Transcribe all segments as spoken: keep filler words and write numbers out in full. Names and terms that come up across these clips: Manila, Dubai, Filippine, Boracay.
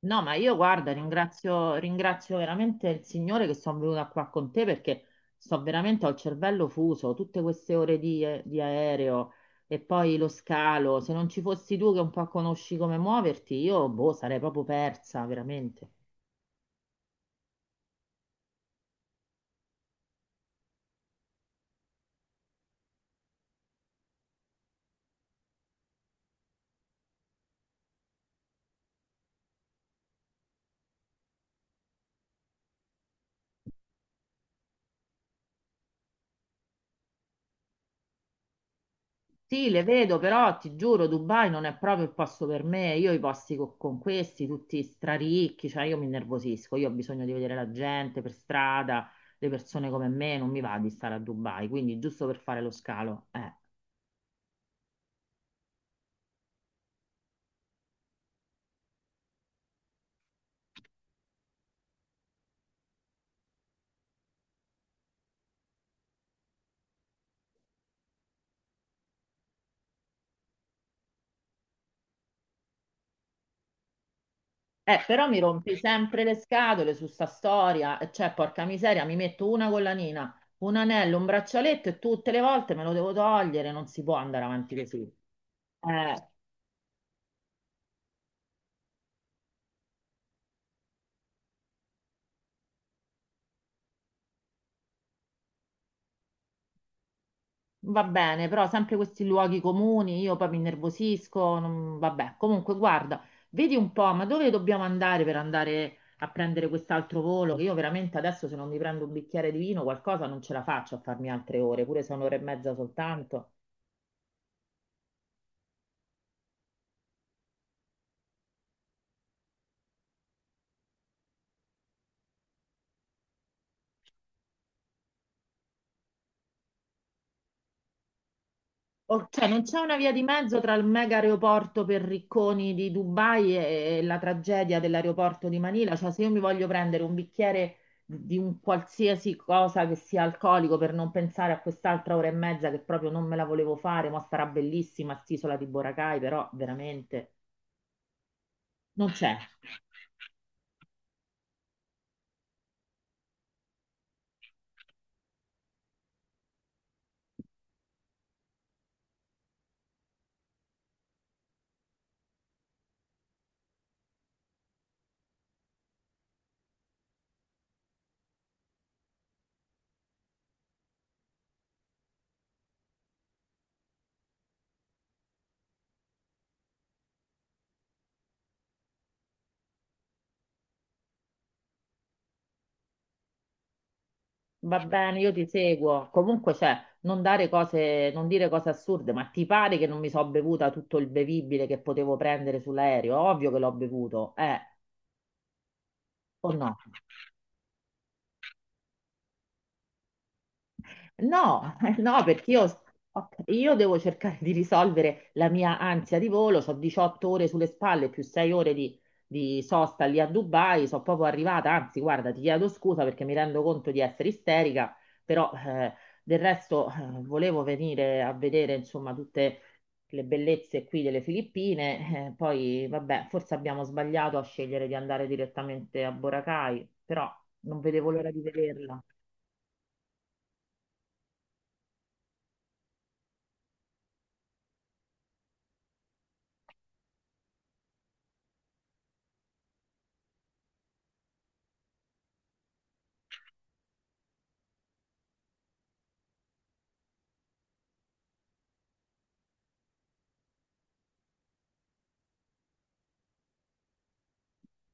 No, ma io guarda, ringrazio, ringrazio veramente il Signore che sono venuta qua con te perché sto veramente, ho il cervello fuso, tutte queste ore di, eh, di aereo e poi lo scalo. Se non ci fossi tu che un po' conosci come muoverti, io boh, sarei proprio persa, veramente. Sì, le vedo, però ti giuro, Dubai non è proprio il posto per me. Io i posti co- con questi, tutti straricchi, cioè io mi innervosisco, io ho bisogno di vedere la gente per strada, le persone come me, non mi va di stare a Dubai, quindi giusto per fare lo scalo. Eh, Eh, però mi rompi sempre le scatole su sta storia, e cioè porca miseria, mi metto una collanina, un anello, un braccialetto e tutte le volte me lo devo togliere, non si può andare avanti così. Eh, Va bene, però sempre questi luoghi comuni, io poi mi innervosisco, non- vabbè. Comunque, guarda, vedi un po', ma dove dobbiamo andare per andare a prendere quest'altro volo? Che io veramente adesso se non mi prendo un bicchiere di vino, qualcosa non ce la faccio a farmi altre ore, pure se è un'ora e mezza soltanto. O- cioè, non c'è una via di mezzo tra il mega aeroporto per ricconi di Dubai e, e la tragedia dell'aeroporto di Manila. Cioè, se io mi voglio prendere un bicchiere di un qualsiasi cosa che sia alcolico per non pensare a quest'altra ora e mezza che proprio non me la volevo fare, ma starà bellissima st'isola di Boracay, però veramente non c'è. Va bene, io ti seguo. Comunque, cioè, non dare cose, non dire cose assurde, ma ti pare che non mi so bevuta tutto il bevibile che potevo prendere sull'aereo? Ovvio che l'ho bevuto, eh. O no? No, no, perché io, ok, io devo cercare di risolvere la mia ansia di volo, ho diciotto ore sulle spalle più sei ore di, di sosta lì a Dubai, sono proprio arrivata, anzi guarda, ti chiedo scusa perché mi rendo conto di essere isterica, però eh, del resto eh, volevo venire a vedere insomma tutte le bellezze qui delle Filippine, eh, poi vabbè, forse abbiamo sbagliato a scegliere di andare direttamente a Boracay, però non vedevo l'ora di vederla.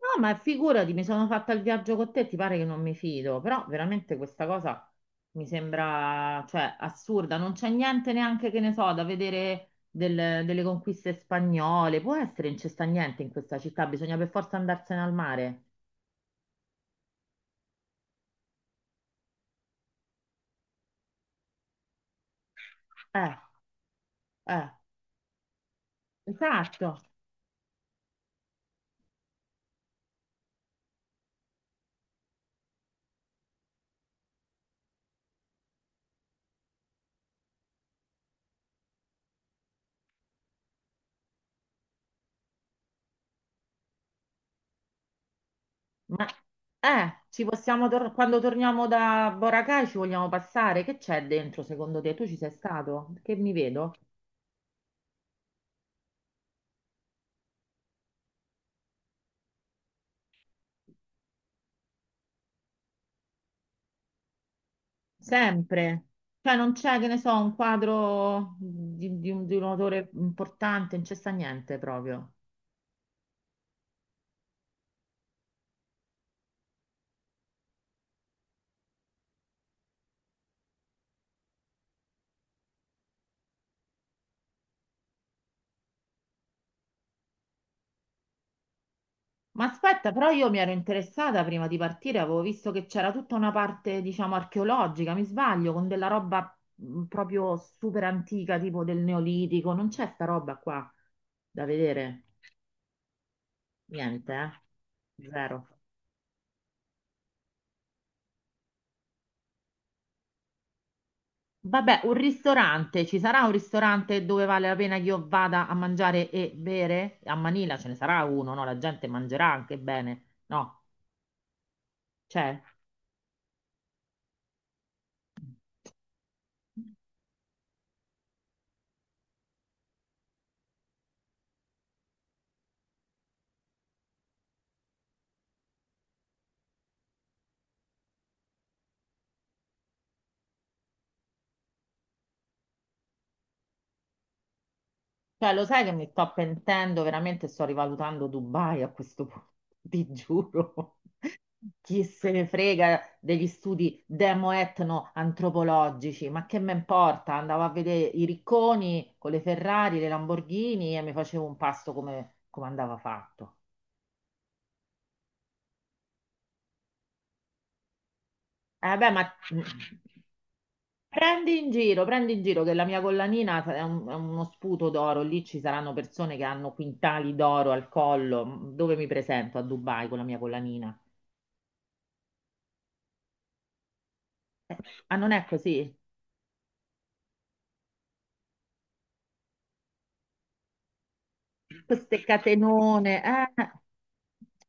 No, ma figurati, mi sono fatta il viaggio con te, ti pare che non mi fido, però veramente questa cosa mi sembra, cioè, assurda, non c'è niente neanche che ne so da vedere del- delle conquiste spagnole, può essere, non c'è sta niente in questa città, bisogna per forza andarsene al mare. Eh, eh, esatto, ma eh, ci possiamo tor- quando torniamo da Boracay ci vogliamo passare, che c'è dentro secondo te? Tu ci sei stato? Che mi vedo? Sempre. Cioè non c'è, che ne so, un quadro di, di un, di un autore importante, non c'è sta niente proprio. Ma aspetta, però io mi ero interessata prima di partire, avevo visto che c'era tutta una parte, diciamo, archeologica, mi sbaglio, con della roba mh, proprio super antica, tipo del Neolitico. Non c'è sta roba qua da vedere. Niente, eh? Zero. Vabbè, un ristorante, ci sarà un ristorante dove vale la pena che io vada a mangiare e bere? A Manila ce ne sarà uno, no? La gente mangerà anche bene, no? C'è? Cioè, lo sai che mi sto pentendo, veramente sto rivalutando Dubai a questo punto, ti giuro. Chi se ne frega degli studi demo-etno-antropologici, ma che me importa? Andavo a vedere i ricconi con le Ferrari, le Lamborghini e mi facevo un pasto come, come andava fatto. Eh beh, ma mm, prendi in giro, prendi in giro che la mia collanina è, un- è uno sputo d'oro. Lì ci saranno persone che hanno quintali d'oro al collo. Mm, dove mi presento a Dubai con la mia collanina? Eh, ah, non è così? Queste catenone. Eh,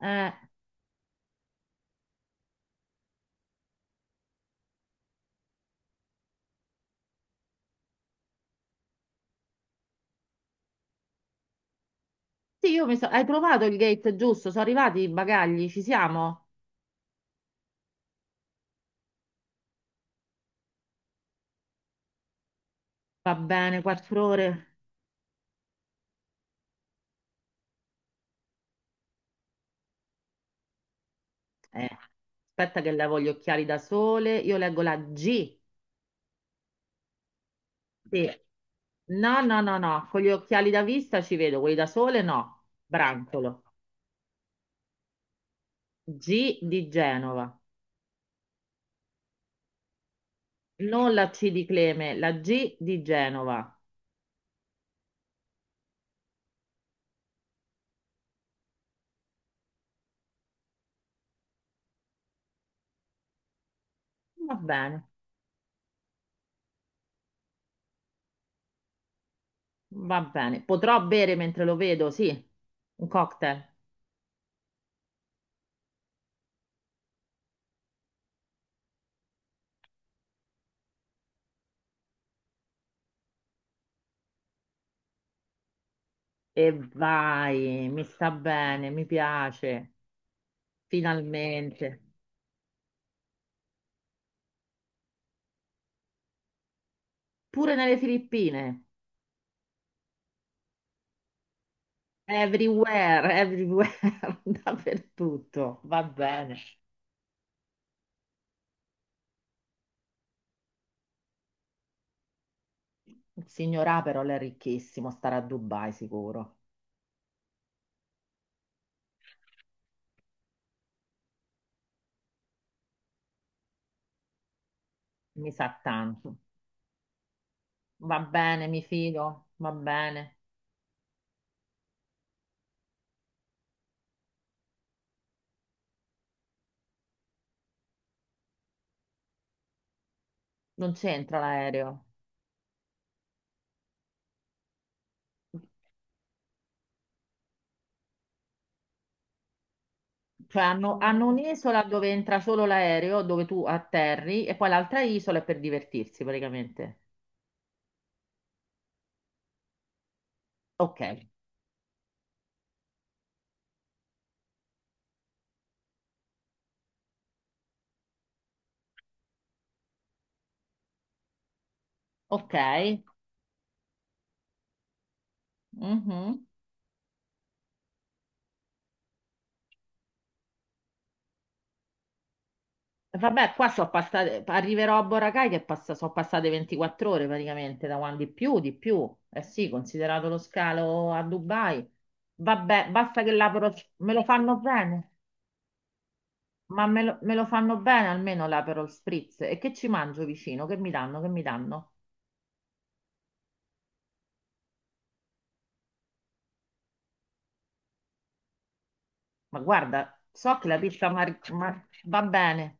eh. Sì, io mi so... Hai trovato il gate giusto? Sono arrivati i bagagli? Ci siamo? Va bene, quattro ore. Eh, aspetta che levo gli occhiali da sole. Io leggo la G. Sì. No, no, no, no, con gli occhiali da vista ci vedo, quelli da sole no. Brantolo. G di Genova. Non la C di Cleme, la G di Genova. Va bene, va bene. Potrò bere mentre lo vedo, sì, un cocktail. E vai, mi sta bene, mi piace, finalmente. Pure nelle Filippine, everywhere, everywhere, dappertutto, va bene. Il signor A però lei è ricchissimo, starà a Dubai sicuro. Mi sa tanto. Va bene, mi fido, va bene. Non c'entra l'aereo. Cioè hanno, hanno un'isola dove entra solo l'aereo, dove tu atterri, e poi l'altra isola è per divertirsi praticamente. Ok, ok. Mhm. Vabbè, qua so passate, arriverò a Boracay che passa, sono passate ventiquattro ore praticamente da quando di più, di più. Eh sì, considerato lo scalo a Dubai. Vabbè, basta che l'Aperol me lo fanno bene, ma me lo, me lo fanno bene almeno l'Aperol Spritz. E che ci mangio vicino? Che mi danno? Che mi danno? Ma guarda, so che la pizza mar- mar- va bene.